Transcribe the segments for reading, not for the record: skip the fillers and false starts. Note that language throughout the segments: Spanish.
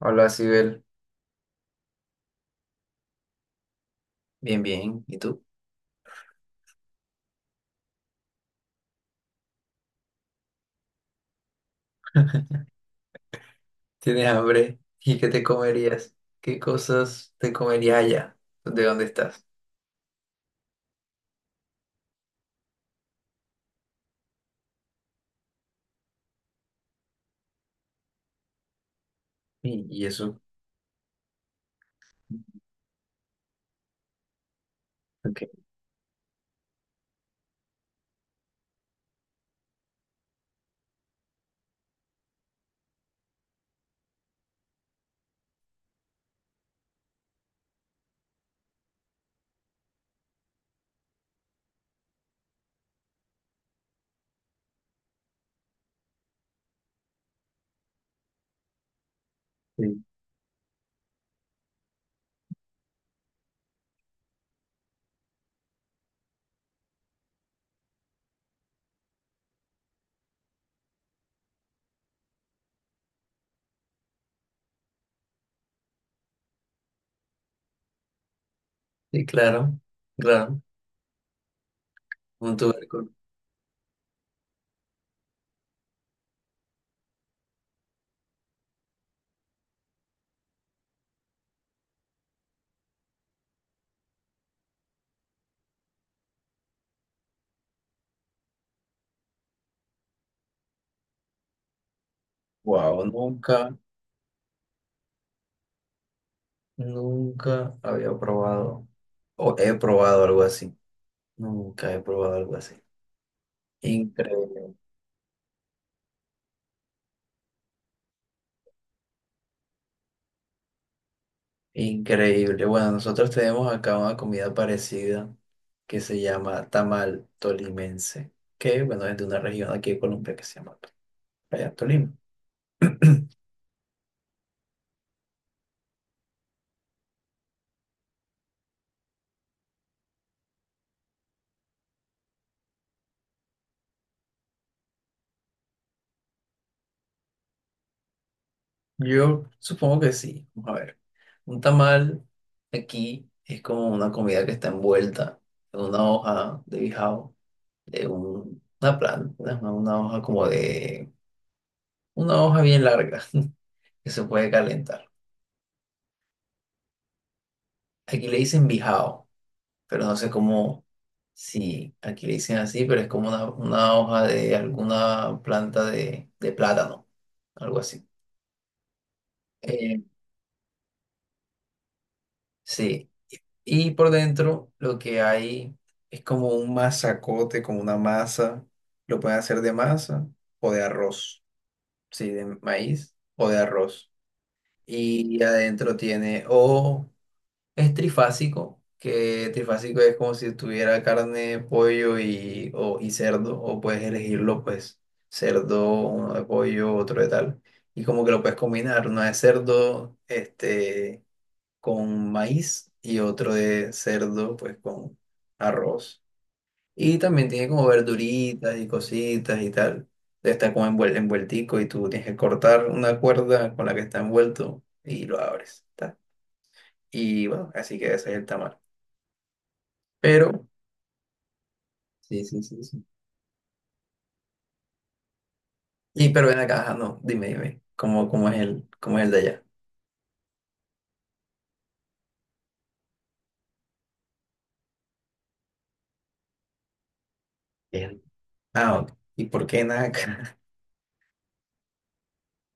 Hola, Sibel. Bien, bien. ¿Y tú? ¿Tienes hambre? ¿Y qué te comerías? ¿Qué cosas te comerías allá? ¿De dónde estás? Y eso. Ok. Sí, sí, claro, claro. Un tubérculo. Wow, nunca había probado o he probado algo así. Nunca he probado algo así. Increíble. Increíble. Bueno, nosotros tenemos acá una comida parecida que se llama tamal tolimense, que bueno, es de una región aquí de Colombia que se llama Playa Tolima. Yo supongo que sí. Vamos a ver. Un tamal aquí es como una comida que está envuelta en una hoja de bijao, de una planta, una hoja como de, una hoja bien larga que se puede calentar. Aquí le dicen bijao, pero no sé cómo, si aquí le dicen así, pero es como una hoja de alguna planta de plátano, algo así. Eh, sí, y por dentro lo que hay es como un masacote, como una masa, lo pueden hacer de masa o de arroz, sí, de maíz o de arroz. Y adentro tiene o es trifásico, que trifásico es como si tuviera carne, pollo y, o, y cerdo, o puedes elegirlo, pues, cerdo, uno de pollo, otro de tal. Y como que lo puedes combinar, uno de cerdo, este, con maíz y otro de cerdo, pues, con arroz. Y también tiene como verduritas y cositas y tal. Está como envueltico y tú tienes que cortar una cuerda con la que está envuelto y lo abres, ta. Y bueno, así que ese es el tamal. Pero sí, sí, sí, sí, y pero ven acá, ajá, no, dime, dime, ¿cómo, cómo es el de allá? Bien. Ah, ok. ¿Y por qué en acá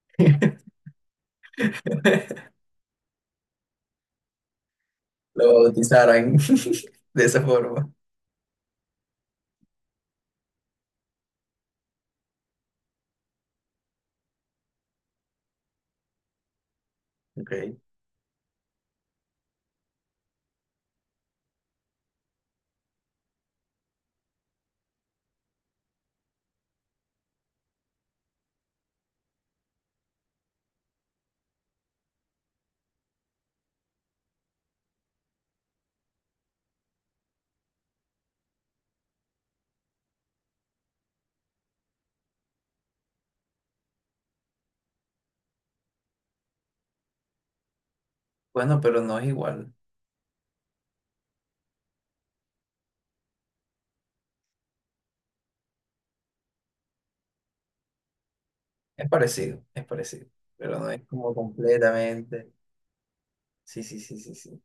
lo bautizaran de esa forma? Ok. Bueno, pero no es igual. Es parecido, pero no es como completamente. Sí, sí, sí, sí, sí.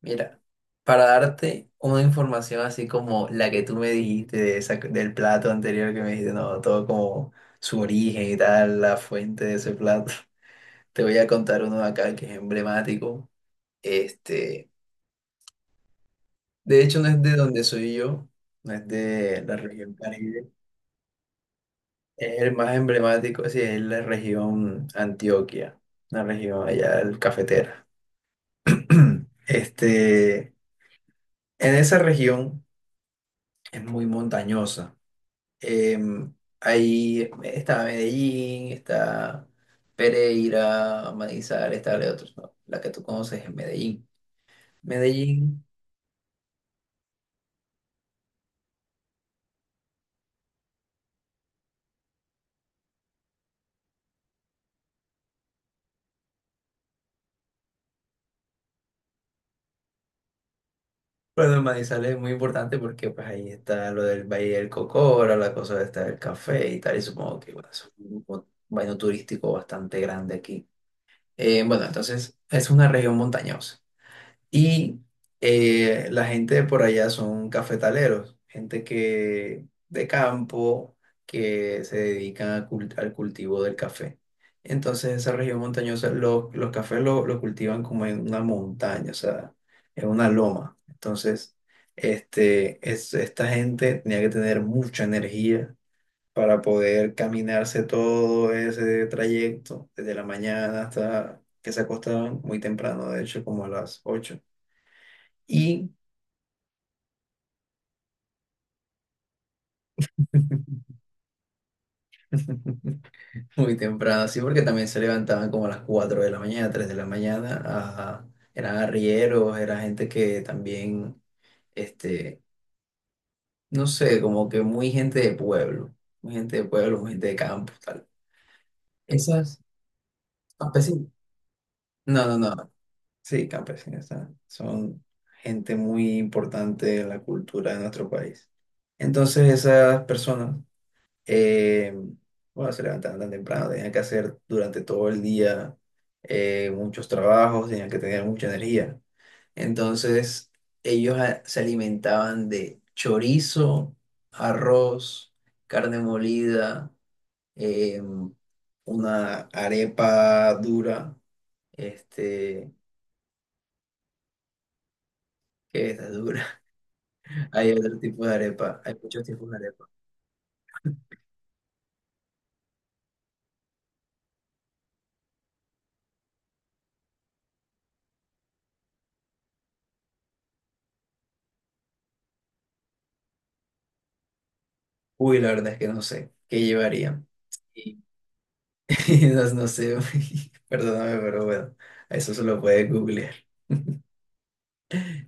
Mira, para darte una información así como la que tú me dijiste de esa, del plato anterior que me dijiste, no, todo como su origen y tal, la fuente de ese plato. Te voy a contar uno de acá que es emblemático. Este, de hecho, no es de donde soy yo, no es de la región Caribe. Es el más emblemático, sí, es la región Antioquia, la región allá del cafetera. Este, en esa región es muy montañosa. Em, ahí está Medellín, está Pereira, Manizales, está la otra, ¿no? La que tú conoces es Medellín. Medellín. Bueno, el Manizales es muy importante porque pues ahí está lo del Valle del Cocora, la cosa está del café y tal, y supongo que bueno, es un baño turístico bastante grande aquí. Bueno, entonces es una región montañosa. Y la gente de por allá son cafetaleros, gente que de campo que se dedican a al cultivo del café. Entonces, esa región montañosa, los cafés lo cultivan como en una montaña, o sea, en una loma. Entonces, este, esta gente tenía que tener mucha energía para poder caminarse todo ese trayecto, desde la mañana hasta que se acostaban muy temprano, de hecho, como a las 8 y muy temprano, sí, porque también se levantaban como a las 4 de la mañana, 3 de la mañana. Eran arrieros, era gente que también, este, no sé, como que muy gente de pueblo, muy gente de pueblo, muy gente de campo, tal. Esas campesinos. No, no, no. Sí, campesinos. Ah, son gente muy importante en la cultura de nuestro país. Entonces, esas personas Eh, bueno, se levantaban tan temprano, tenían que hacer durante todo el día muchos trabajos, tenían que tener mucha energía. Entonces, ellos se alimentaban de chorizo, arroz, carne molida, eh, una arepa dura, este, ¿qué es la dura? Hay otro tipo de arepa, hay muchos tipos de arepa. Uy, la verdad es que no sé qué llevarían. Esas no sé, güey. Perdóname, pero bueno, a eso se lo puede googlear.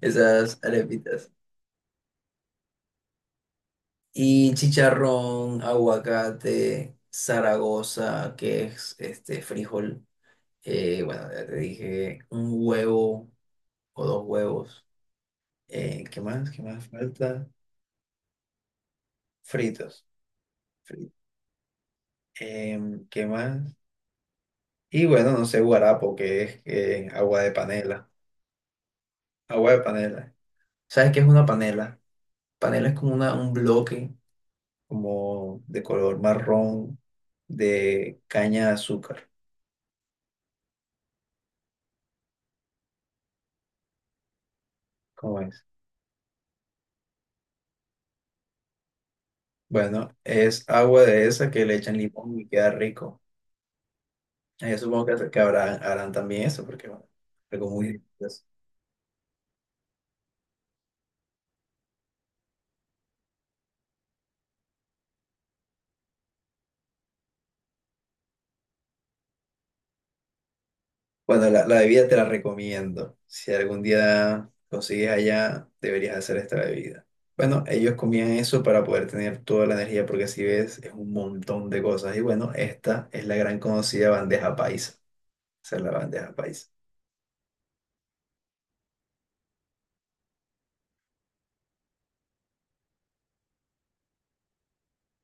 Esas arepitas. Y chicharrón, aguacate, Zaragoza, que es este frijol. Bueno, ya te dije, un huevo o dos huevos. ¿Qué más? ¿Qué más falta? Fritos. Fri- ¿Qué más? Y bueno, no sé, guarapo, que es agua de panela. Agua de panela. ¿Sabes qué es una panela? Panela es como una, un bloque como de color marrón de caña de azúcar. ¿Cómo es? Bueno, es agua de esa que le echan limón y queda rico. Ah, yo supongo que habrán, harán también eso, porque bueno, algo muy delicioso. Bueno, la bebida te la recomiendo. Si algún día consigues allá, deberías hacer esta bebida. Bueno, ellos comían eso para poder tener toda la energía, porque si ves, es un montón de cosas. Y bueno, esta es la gran conocida bandeja paisa. Esa es la bandeja paisa.